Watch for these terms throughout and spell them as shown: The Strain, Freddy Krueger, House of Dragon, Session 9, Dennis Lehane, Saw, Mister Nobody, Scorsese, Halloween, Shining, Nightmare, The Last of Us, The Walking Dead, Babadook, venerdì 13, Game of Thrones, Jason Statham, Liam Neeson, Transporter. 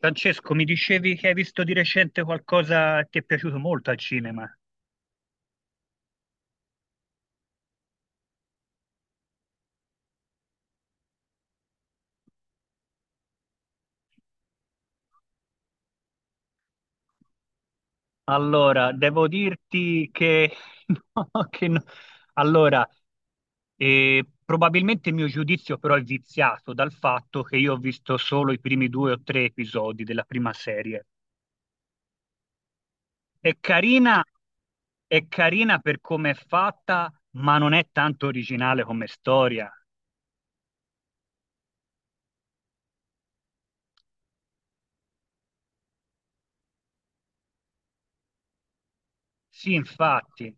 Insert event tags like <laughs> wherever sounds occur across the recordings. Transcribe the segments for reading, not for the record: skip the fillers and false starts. Francesco, mi dicevi che hai visto di recente qualcosa che ti è piaciuto molto al cinema. Allora, devo dirti che... <laughs> no, che no. Allora, Probabilmente il mio giudizio però è viziato dal fatto che io ho visto solo i primi due o tre episodi della prima serie. È carina, è carina per come è fatta, ma non è tanto originale come storia. Sì, infatti.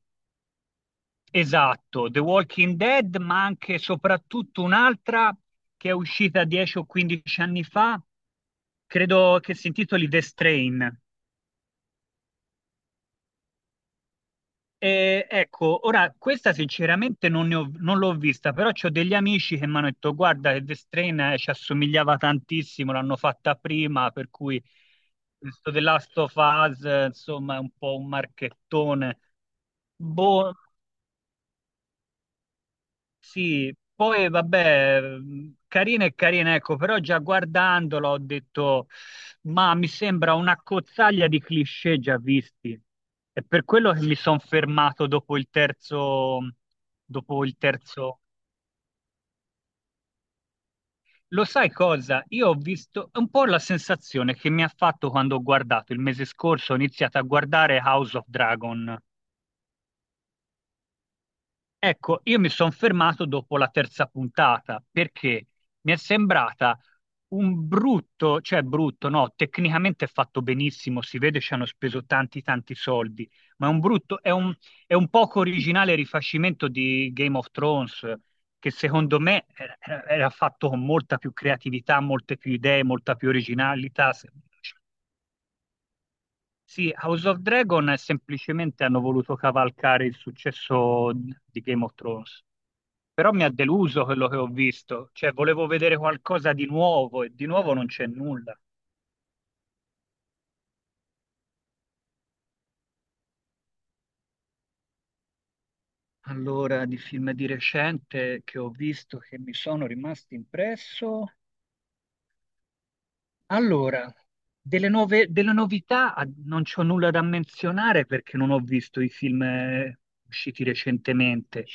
Esatto, The Walking Dead, ma anche e soprattutto un'altra che è uscita 10 o 15 anni fa, credo che si intitoli The Strain. Ecco, ora questa sinceramente non l'ho vista, però ho degli amici che mi hanno detto guarda che The Strain ci assomigliava tantissimo, l'hanno fatta prima, per cui questo The Last of Us, insomma, è un po' un marchettone. Boh, sì, poi vabbè, carina e carina, ecco, però già guardandolo ho detto, ma mi sembra una cozzaglia di cliché già visti. È per quello che mi sono fermato dopo il terzo, dopo il terzo. Lo sai cosa? Io ho visto è un po' la sensazione che mi ha fatto quando ho guardato il mese scorso, ho iniziato a guardare House of Dragon. Ecco, io mi sono fermato dopo la terza puntata perché mi è sembrata un brutto, cioè brutto, no, tecnicamente è fatto benissimo, si vede ci hanno speso tanti tanti soldi, ma è un brutto, è un poco originale rifacimento di Game of Thrones, che secondo me era, era fatto con molta più creatività, molte più idee, molta più originalità. Sì, House of Dragon è semplicemente hanno voluto cavalcare il successo di Game of Thrones. Però mi ha deluso quello che ho visto, cioè volevo vedere qualcosa di nuovo e di nuovo non c'è nulla. Allora, di film di recente che ho visto che mi sono rimasti impresso, allora, delle novità non c'ho nulla da menzionare perché non ho visto i film usciti recentemente.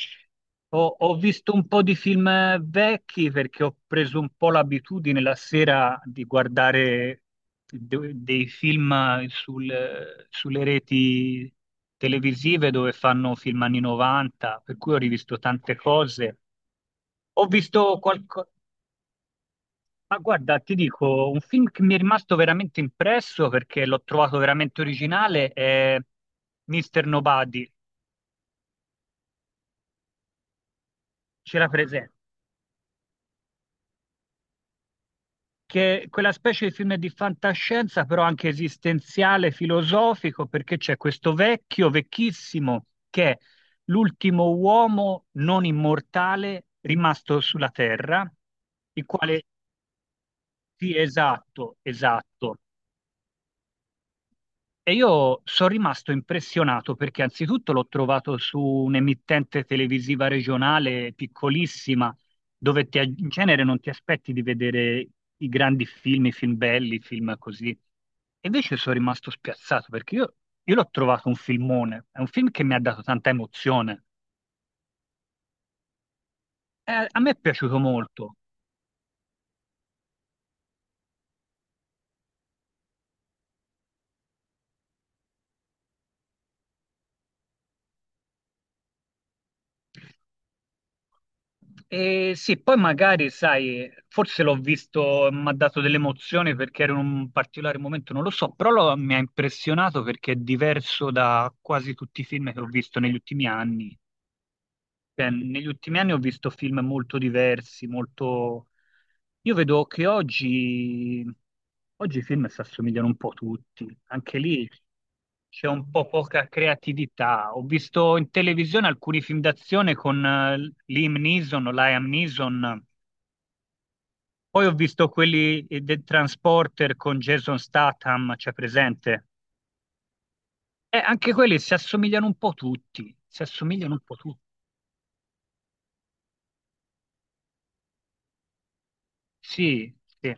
Ho visto un po' di film vecchi perché ho preso un po' l'abitudine la sera di guardare dei film sulle reti televisive dove fanno film anni 90, per cui ho rivisto tante cose. Ho visto ma guarda, ti dico, un film che mi è rimasto veramente impresso perché l'ho trovato veramente originale è Mister Nobody, c'era presente, che è quella specie di film di fantascienza, però anche esistenziale, filosofico, perché c'è questo vecchio, vecchissimo, che è l'ultimo uomo non immortale rimasto sulla Terra, il quale, sì, esatto, esatto. E io sono rimasto impressionato perché anzitutto l'ho trovato su un'emittente televisiva regionale piccolissima, dove in genere non ti aspetti di vedere i grandi film, i film belli, i film così. E invece sono rimasto spiazzato perché io l'ho trovato un filmone, è un film che mi ha dato tanta emozione. A me è piaciuto molto. E sì, poi magari, sai, forse l'ho visto, mi ha dato dell'emozione perché era in un particolare momento, non lo so, però mi ha impressionato perché è diverso da quasi tutti i film che ho visto negli ultimi anni. Cioè, negli ultimi anni ho visto film molto diversi, molto... Io vedo che oggi i film si assomigliano un po' tutti, anche lì c'è un po' poca creatività. Ho visto in televisione alcuni film d'azione con Liam Neeson, o Liam Neeson, poi ho visto quelli del Transporter con Jason Statham, c'è presente? E anche quelli si assomigliano un po' tutti, si assomigliano un po' tutti. Sì, sì,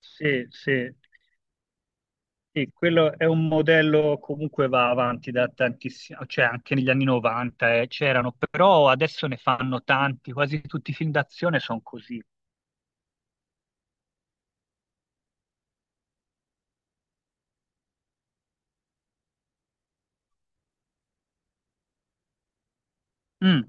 sì, sì. Sì, quello è un modello comunque va avanti da tantissimo, cioè anche negli anni 90 c'erano, però adesso ne fanno tanti, quasi tutti i film d'azione sono così. Mm,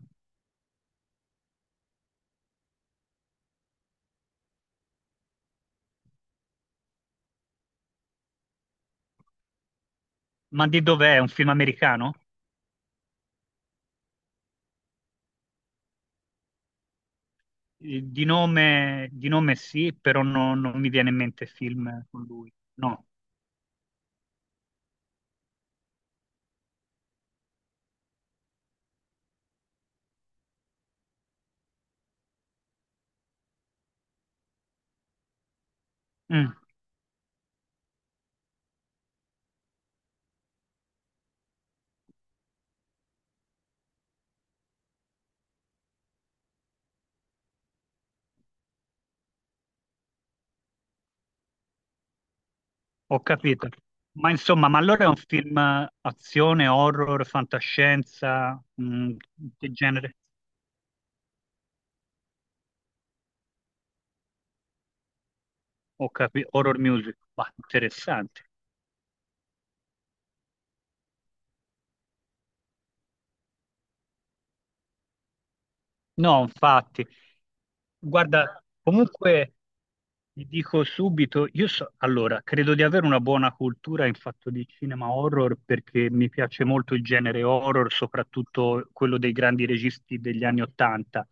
ma di dov'è? È un film americano? Di nome, di nome sì, però non mi viene in mente film con lui. No, mm, ho capito. Ma insomma, ma allora è un film azione, horror, fantascienza, mm, che genere? Ho capito, horror music, ma interessante. No, infatti. Guarda, comunque ti dico subito, io so, allora, credo di avere una buona cultura in fatto di cinema horror perché mi piace molto il genere horror, soprattutto quello dei grandi registi degli anni Ottanta.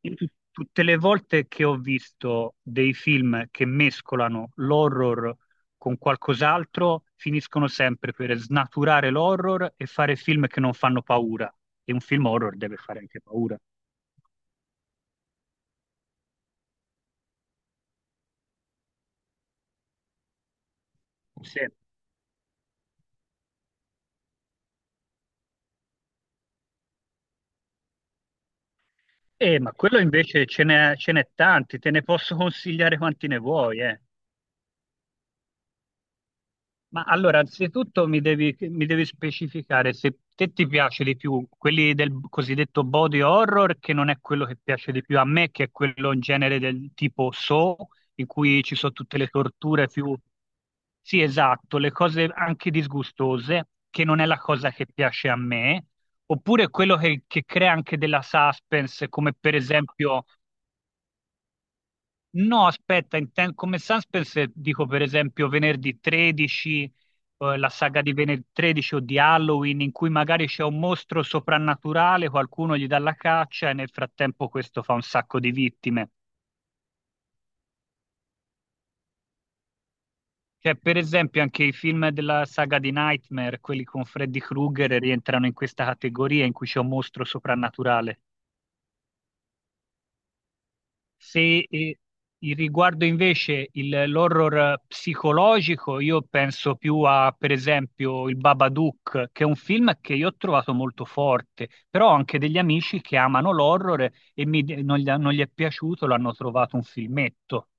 In tu- Tutte le volte che ho visto dei film che mescolano l'horror con qualcos'altro, finiscono sempre per snaturare l'horror e fare film che non fanno paura. E un film horror deve fare anche paura. Sì. Ma quello invece ce n'è tanti, te ne posso <laughs> consigliare quanti ne vuoi, eh. Ma allora, anzitutto mi devi specificare se te ti piace di più quelli del cosiddetto body horror, che non è quello che piace di più a me, che è quello in genere del tipo Saw, in cui ci sono tutte le torture più... Sì, esatto, le cose anche disgustose, che non è la cosa che piace a me, oppure quello che crea anche della suspense, come per esempio... No, aspetta, come suspense dico per esempio venerdì 13, la saga di venerdì 13 o di Halloween, in cui magari c'è un mostro soprannaturale, qualcuno gli dà la caccia e nel frattempo questo fa un sacco di vittime. Cioè, per esempio, anche i film della saga di Nightmare, quelli con Freddy Krueger, rientrano in questa categoria in cui c'è un mostro soprannaturale. Se eh, il riguardo invece l'horror psicologico, io penso più a, per esempio, il Babadook, che è un film che io ho trovato molto forte, però ho anche degli amici che amano l'horror e non gli è piaciuto, l'hanno trovato un filmetto.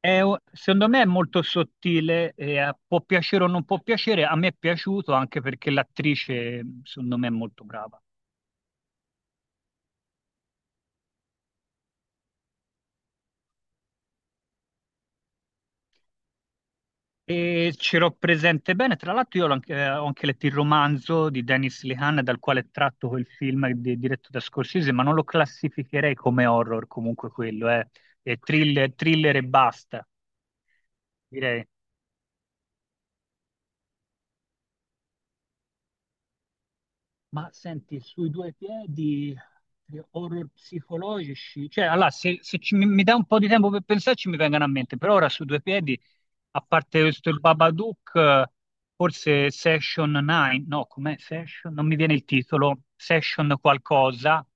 Secondo me è molto sottile, può piacere o non può piacere, a me è piaciuto anche perché l'attrice, secondo me, è molto brava. E ce l'ho presente bene, tra l'altro io ho anche letto il romanzo di Dennis Lehane dal quale è tratto quel film diretto da Scorsese, ma non lo classificherei come horror comunque quello, eh. È thriller, thriller e basta, direi. Ma senti, sui due piedi, horror psicologici, cioè, allora, se, se ci- mi dai un po' di tempo per pensarci, mi vengono a mente, però ora su due piedi, a parte questo il Babadook, forse Session 9, no, com'è Session? Non mi viene il titolo, Session qualcosa,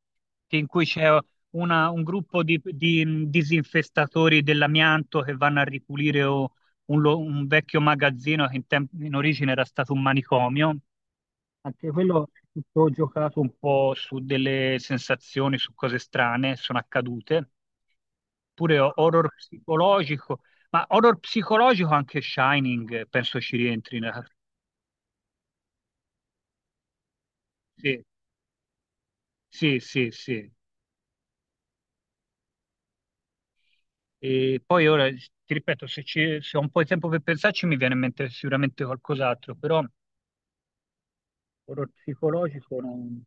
che in cui c'è un gruppo di disinfestatori dell'amianto che vanno a ripulire un vecchio magazzino che in origine era stato un manicomio, anche quello è tutto giocato un po' su delle sensazioni, su cose strane, sono accadute. Horror psicologico, ma horror psicologico anche Shining, penso ci rientri. Sì, sì, sì, sì. E poi ora, ti ripeto, se ho un po' di tempo per pensarci mi viene in mente sicuramente qualcos'altro, però horror psicologico non...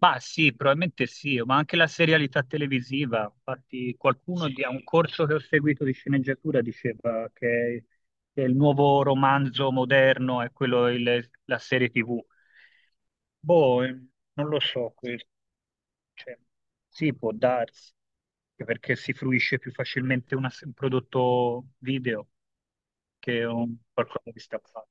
Ma sì, probabilmente sì, ma anche la serialità televisiva. Infatti, qualcuno di, a un corso che ho seguito di sceneggiatura diceva che il nuovo romanzo moderno è quello, la serie TV. Boh, eh, non lo so, cioè, sì, può darsi, anche perché si fruisce più facilmente un prodotto video che un, qualcosa di stampato.